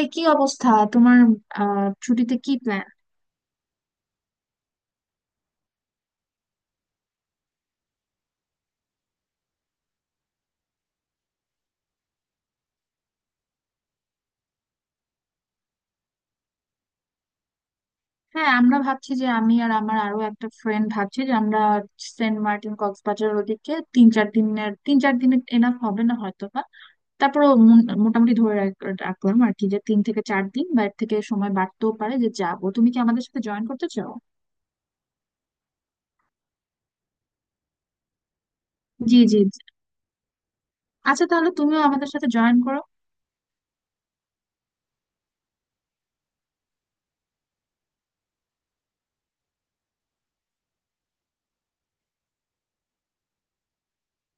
এই কি অবস্থা তোমার? ছুটিতে কি প্ল্যান? হ্যাঁ, আমরা ভাবছি যে আমি আর আমার আরো একটা ফ্রেন্ড ভাবছি যে আমরা সেন্ট মার্টিন কক্সবাজার ওদিকে তিন চার দিনের এনাফ হবে না হয়তো বা। তারপরে মোটামুটি ধরে রাখলাম আর কি, যে তিন থেকে চার দিন বা এর থেকে সময় বাড়তেও পারে যে যাবো। তুমি কি আমাদের সাথে জয়েন করতে চাও? জি, জি, জি। আচ্ছা, তাহলে তুমিও আমাদের সাথে জয়েন করো।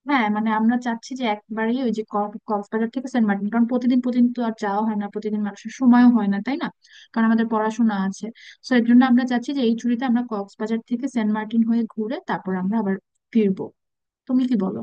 হ্যাঁ মানে আমরা চাচ্ছি যে একবারেই ওই যে কক্সবাজার থেকে সেন্ট মার্টিন, কারণ প্রতিদিন প্রতিদিন তো আর যাওয়া হয় না, প্রতিদিন মানুষের সময়ও হয় না, তাই না? কারণ আমাদের পড়াশোনা আছে। তো এর জন্য আমরা চাচ্ছি যে এই ছুটিতে আমরা কক্সবাজার থেকে সেন্ট মার্টিন হয়ে ঘুরে তারপর আমরা আবার ফিরবো। তুমি কি বলো?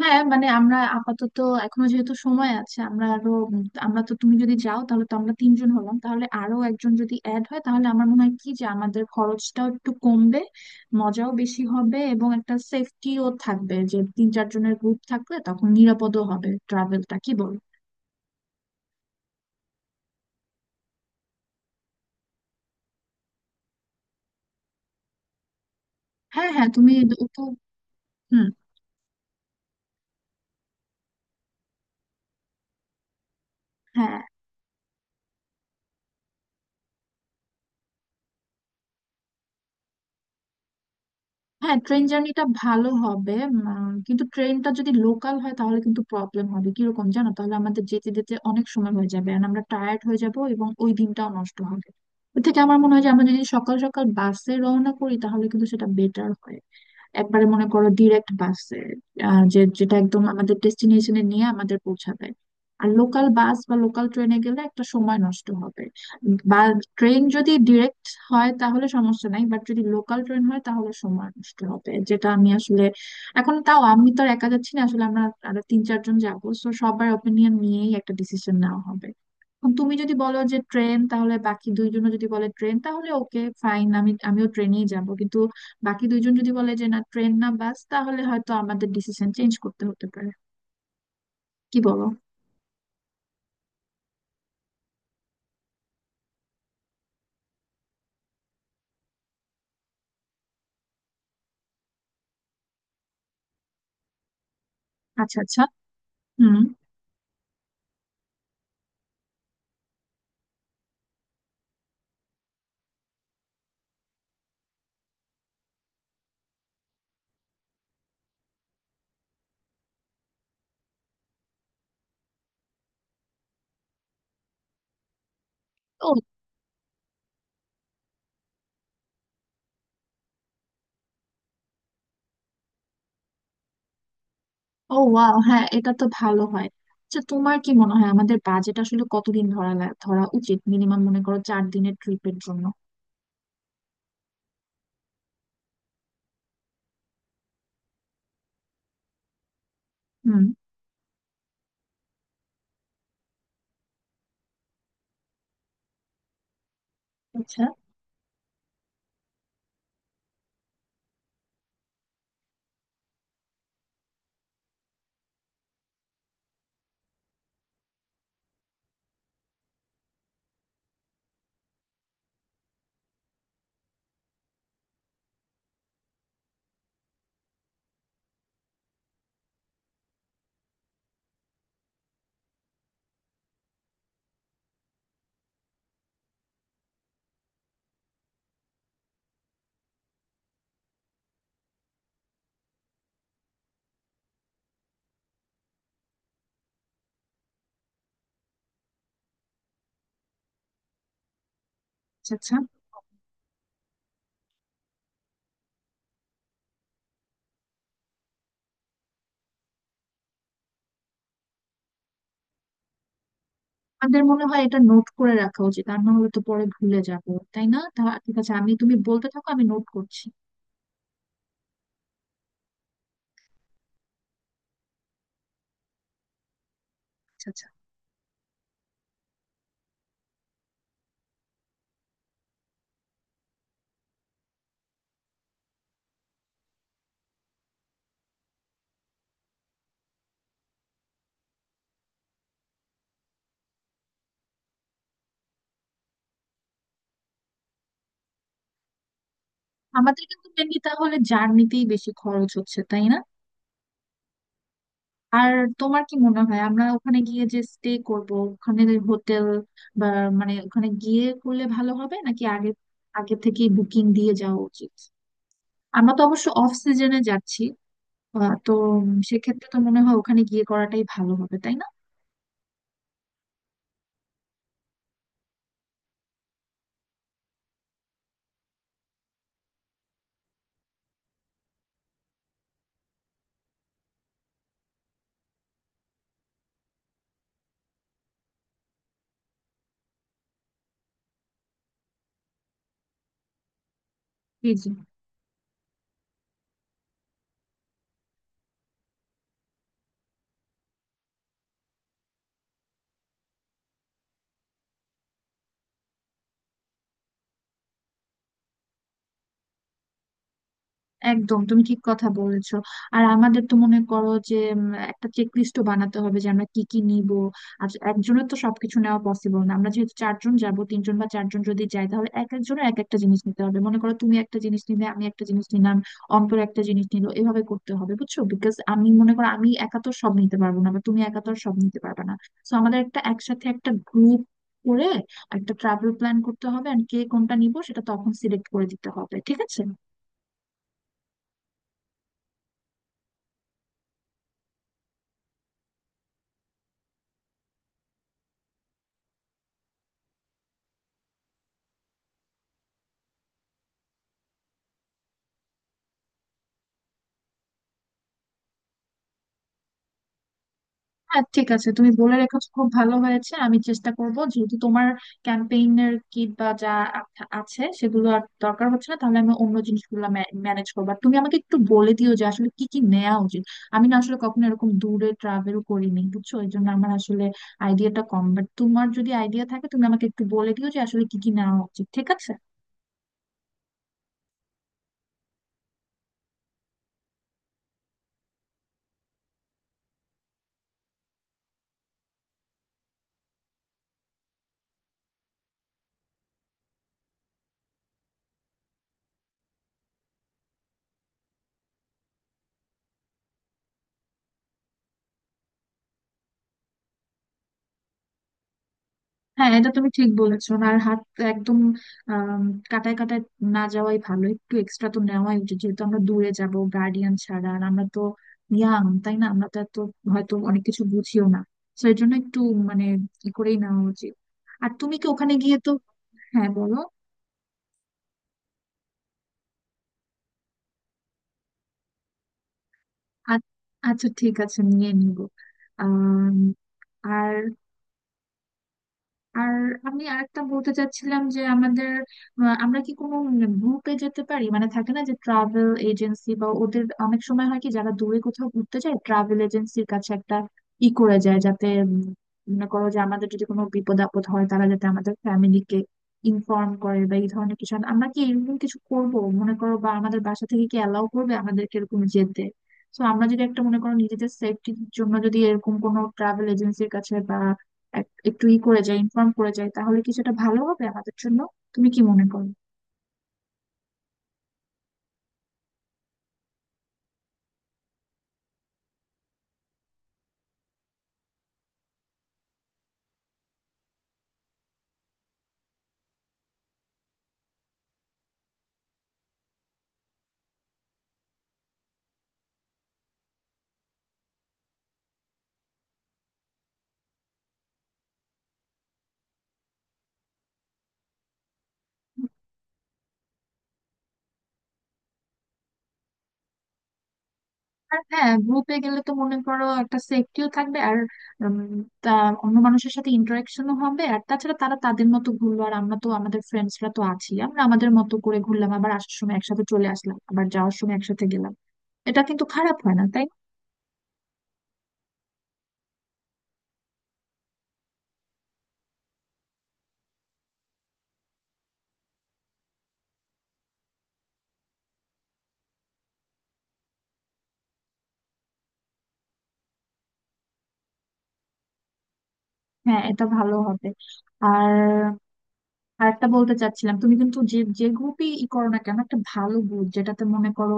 হ্যাঁ মানে আমরা আপাতত এখনো যেহেতু সময় আছে, আমরা আরো আমরা তো, তুমি যদি যাও তাহলে তো আমরা তিনজন হলাম, তাহলে আরো একজন যদি অ্যাড হয় তাহলে আমার মনে হয় কি যে আমাদের খরচটাও একটু কমবে, মজাও বেশি হবে এবং একটা সেফটিও থাকবে। যে তিন চারজনের গ্রুপ থাকলে তখন নিরাপদও হবে ট্রাভেলটা, কি বল? হ্যাঁ, হ্যাঁ, তুমি। তো হুম। হ্যাঁ, হ্যাঁ, ট্রেন জার্নিটা ভালো হবে। কিন্তু ট্রেনটা যদি লোকাল হয় তাহলে কিন্তু প্রবলেম হবে। কিরকম জানো? তাহলে আমাদের যেতে যেতে অনেক সময় হয়ে যাবে আর আমরা টায়ার্ড হয়ে যাব এবং ওই দিনটাও নষ্ট হবে। ওর থেকে আমার মনে হয় যে আমরা যদি সকাল সকাল বাসে রওনা করি তাহলে কিন্তু সেটা বেটার হয়। একবারে মনে করো ডিরেক্ট বাসে, যে যেটা একদম আমাদের ডেস্টিনেশনে নিয়ে আমাদের পৌঁছাবে। আর লোকাল বাস বা লোকাল ট্রেনে গেলে একটা সময় নষ্ট হবে। বা ট্রেন যদি ডিরেক্ট হয় তাহলে সমস্যা নাই, বাট যদি লোকাল ট্রেন হয় তাহলে সময় নষ্ট হবে, যেটা আমি আসলে। এখন তাও আমি তো আর একা যাচ্ছি না, আসলে আমরা আরো তিন চারজন যাবো, তো সবার ওপিনিয়ন নিয়েই একটা ডিসিশন নেওয়া হবে। এখন তুমি যদি বলো যে ট্রেন, তাহলে বাকি দুইজনও যদি বলে ট্রেন তাহলে ওকে ফাইন, আমি আমিও ট্রেনেই যাব। কিন্তু বাকি দুইজন যদি বলে যে না ট্রেন না বাস, তাহলে হয়তো আমাদের ডিসিশন চেঞ্জ করতে হতে পারে। কি বলো? আচ্ছা, আচ্ছা। হুম। ও, ও, ওয়াও, হ্যাঁ, এটা তো ভালো হয়। আচ্ছা, তোমার কি মনে হয় আমাদের বাজেট আসলে কতদিন ধরা ধরা উচিত মিনিমাম, মনে করো চার দিনের ট্রিপের জন্য? হুম। আচ্ছা। আচ্ছা, আচ্ছা, আমাদের মনে হয় এটা নোট করে রাখা উচিত, আর না হলে তো পরে ভুলে যাবো, তাই না? তা ঠিক আছে, আমি, তুমি বলতে থাকো আমি নোট করছি। আচ্ছা, আচ্ছা। আমাদের কিন্তু মেনলি তাহলে জার্নিতেই বেশি খরচ হচ্ছে, তাই না? আর তোমার কি মনে হয়, আমরা ওখানে গিয়ে যে স্টে করব, ওখানে হোটেল বা, মানে ওখানে গিয়ে করলে ভালো হবে নাকি আগে আগে থেকে বুকিং দিয়ে যাওয়া উচিত? আমরা তো অবশ্য অফ সিজনে যাচ্ছি। তো সেক্ষেত্রে তো মনে হয় ওখানে গিয়ে করাটাই ভালো হবে, তাই না? জি, জি। একদম, তুমি ঠিক কথা বলেছো। আর আমাদের তো মনে করো যে একটা চেক লিস্টও বানাতে হবে যে আমরা কি কি নিব। আর একজনের তো সবকিছু নেওয়া পসিবল না, আমরা যেহেতু চারজন যাব, তিনজন বা চারজন যদি যাই তাহলে এক একজনের এক একটা জিনিস নিতে হবে। মনে করো তুমি একটা জিনিস নিলে, আমি একটা জিনিস নিলাম, অন্তর একটা জিনিস নিলো, এভাবে করতে হবে, বুঝছো? বিকজ আমি মনে করো আমি একা তো সব নিতে পারবো না, বা তুমি একা তো আর সব নিতে পারবে না। তো আমাদের একটা একসাথে একটা গ্রুপ করে একটা ট্রাভেল প্ল্যান করতে হবে, আর কে কোনটা নিব সেটা তখন সিলেক্ট করে দিতে হবে, ঠিক আছে? হ্যাঁ, ঠিক আছে, তুমি বলে রেখেছো খুব ভালো হয়েছে। আমি চেষ্টা করব, যেহেতু তোমার ক্যাম্পেইনের কিট বা যা আ- আছে সেগুলো আর দরকার হচ্ছে না, তাহলে আমি অন্য জিনিসগুলো ম্যানেজ করবো। আর তুমি আমাকে একটু বলে দিও যে আসলে কি কি নেওয়া উচিত। আমি না আসলে কখনো এরকম দূরে ট্রাভেল করিনি, বুঝছো, এই জন্য আমার আসলে আইডিয়াটা কম। বাট তোমার যদি আইডিয়া থাকে তুমি আমাকে একটু বলে দিও যে আসলে কি কি নেওয়া উচিত, ঠিক আছে? হ্যাঁ এটা তুমি ঠিক বলেছো। আর হাত একদম আম, কাটায় কাটায় না যাওয়াই ভালো, একটু এক্সট্রা তো নেওয়াই উচিত, যেহেতু আমরা দূরে যাব গার্ডিয়ান ছাড়া, আর আমরা তো ইয়াং, তাই না? আমরা তো এত হয়তো অনেক কিছু বুঝিও না। তো এর জন্য একটু মানে ই করেই নেওয়া উচিত। আর তুমি কি ওখানে গিয়ে তো, হ্যাঁ বলো। আ- আচ্ছা, ঠিক আছে, নিয়ে নিব। আহ আর আর আমি আরেকটা বলতে চাচ্ছিলাম যে আমাদের আমরা কি কোনো গ্রুপে যেতে পারি? মানে থাকে না যে ট্রাভেল এজেন্সি বা, ওদের অনেক সময় হয় কি, যারা দূরে কোথাও ঘুরতে যায়, ট্রাভেল এজেন্সির কাছে একটা ই করে যায় যাতে মনে করো যে আমাদের যদি কোনো বিপদ আপদ হয় তারা যাতে আমাদের ফ্যামিলিকে ইনফর্ম করে, বা এই ধরনের কিছু। আমরা কি এরকম কিছু করব, মনে করো? বা আমাদের বাসা থেকে কি অ্যালাউ করবে আমাদেরকে এরকম যেতে? তো আমরা যদি একটা, মনে করো নিজেদের সেফটির জন্য যদি এরকম কোনো ট্রাভেল এজেন্সির কাছে বা একটু ই করে যাই, ইনফর্ম করে যাই, তাহলে কিছুটা ভালো হবে আমাদের জন্য। তুমি কি মনে করো? আর হ্যাঁ, গ্রুপে গেলে তো মনে করো একটা সেফটিও থাকবে। আর উম, তা অন্য মানুষের সাথে ইন্টারাকশনও হবে। আর তাছাড়া তারা তাদের মতো ঘুরলো, আর আমরা তো আমাদের ফ্রেন্ডসরা তো আছি, আমরা আমাদের মতো করে ঘুরলাম, আবার আসার সময় একসাথে চলে আসলাম, আবার যাওয়ার সময় একসাথে গেলাম। এটা কিন্তু খারাপ হয় না, তাই না? হ্যাঁ, এটা ভালো হবে। আর আর একটা বলতে চাচ্ছিলাম, তুমি কিন্তু যে যে গ্রুপই ই করো না কেন, একটা ভালো গ্রুপ, যেটাতে মনে করো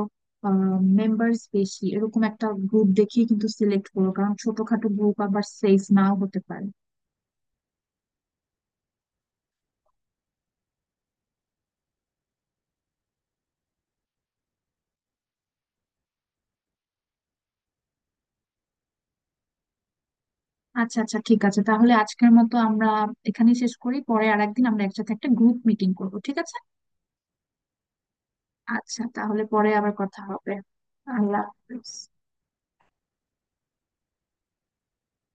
মেম্বার্স বেশি, এরকম একটা গ্রুপ দেখিয়ে কিন্তু সিলেক্ট করো, কারণ ছোটখাটো গ্রুপ আবার সেফ নাও হতে পারে। আচ্ছা, আচ্ছা, ঠিক আছে, তাহলে আজকের মতো আমরা এখানেই শেষ করি, পরে আর একদিন আমরা একসাথে একটা গ্রুপ মিটিং করবো, ঠিক আছে? আচ্ছা, তাহলে পরে আবার কথা হবে। আল্লাহ হাফেজ।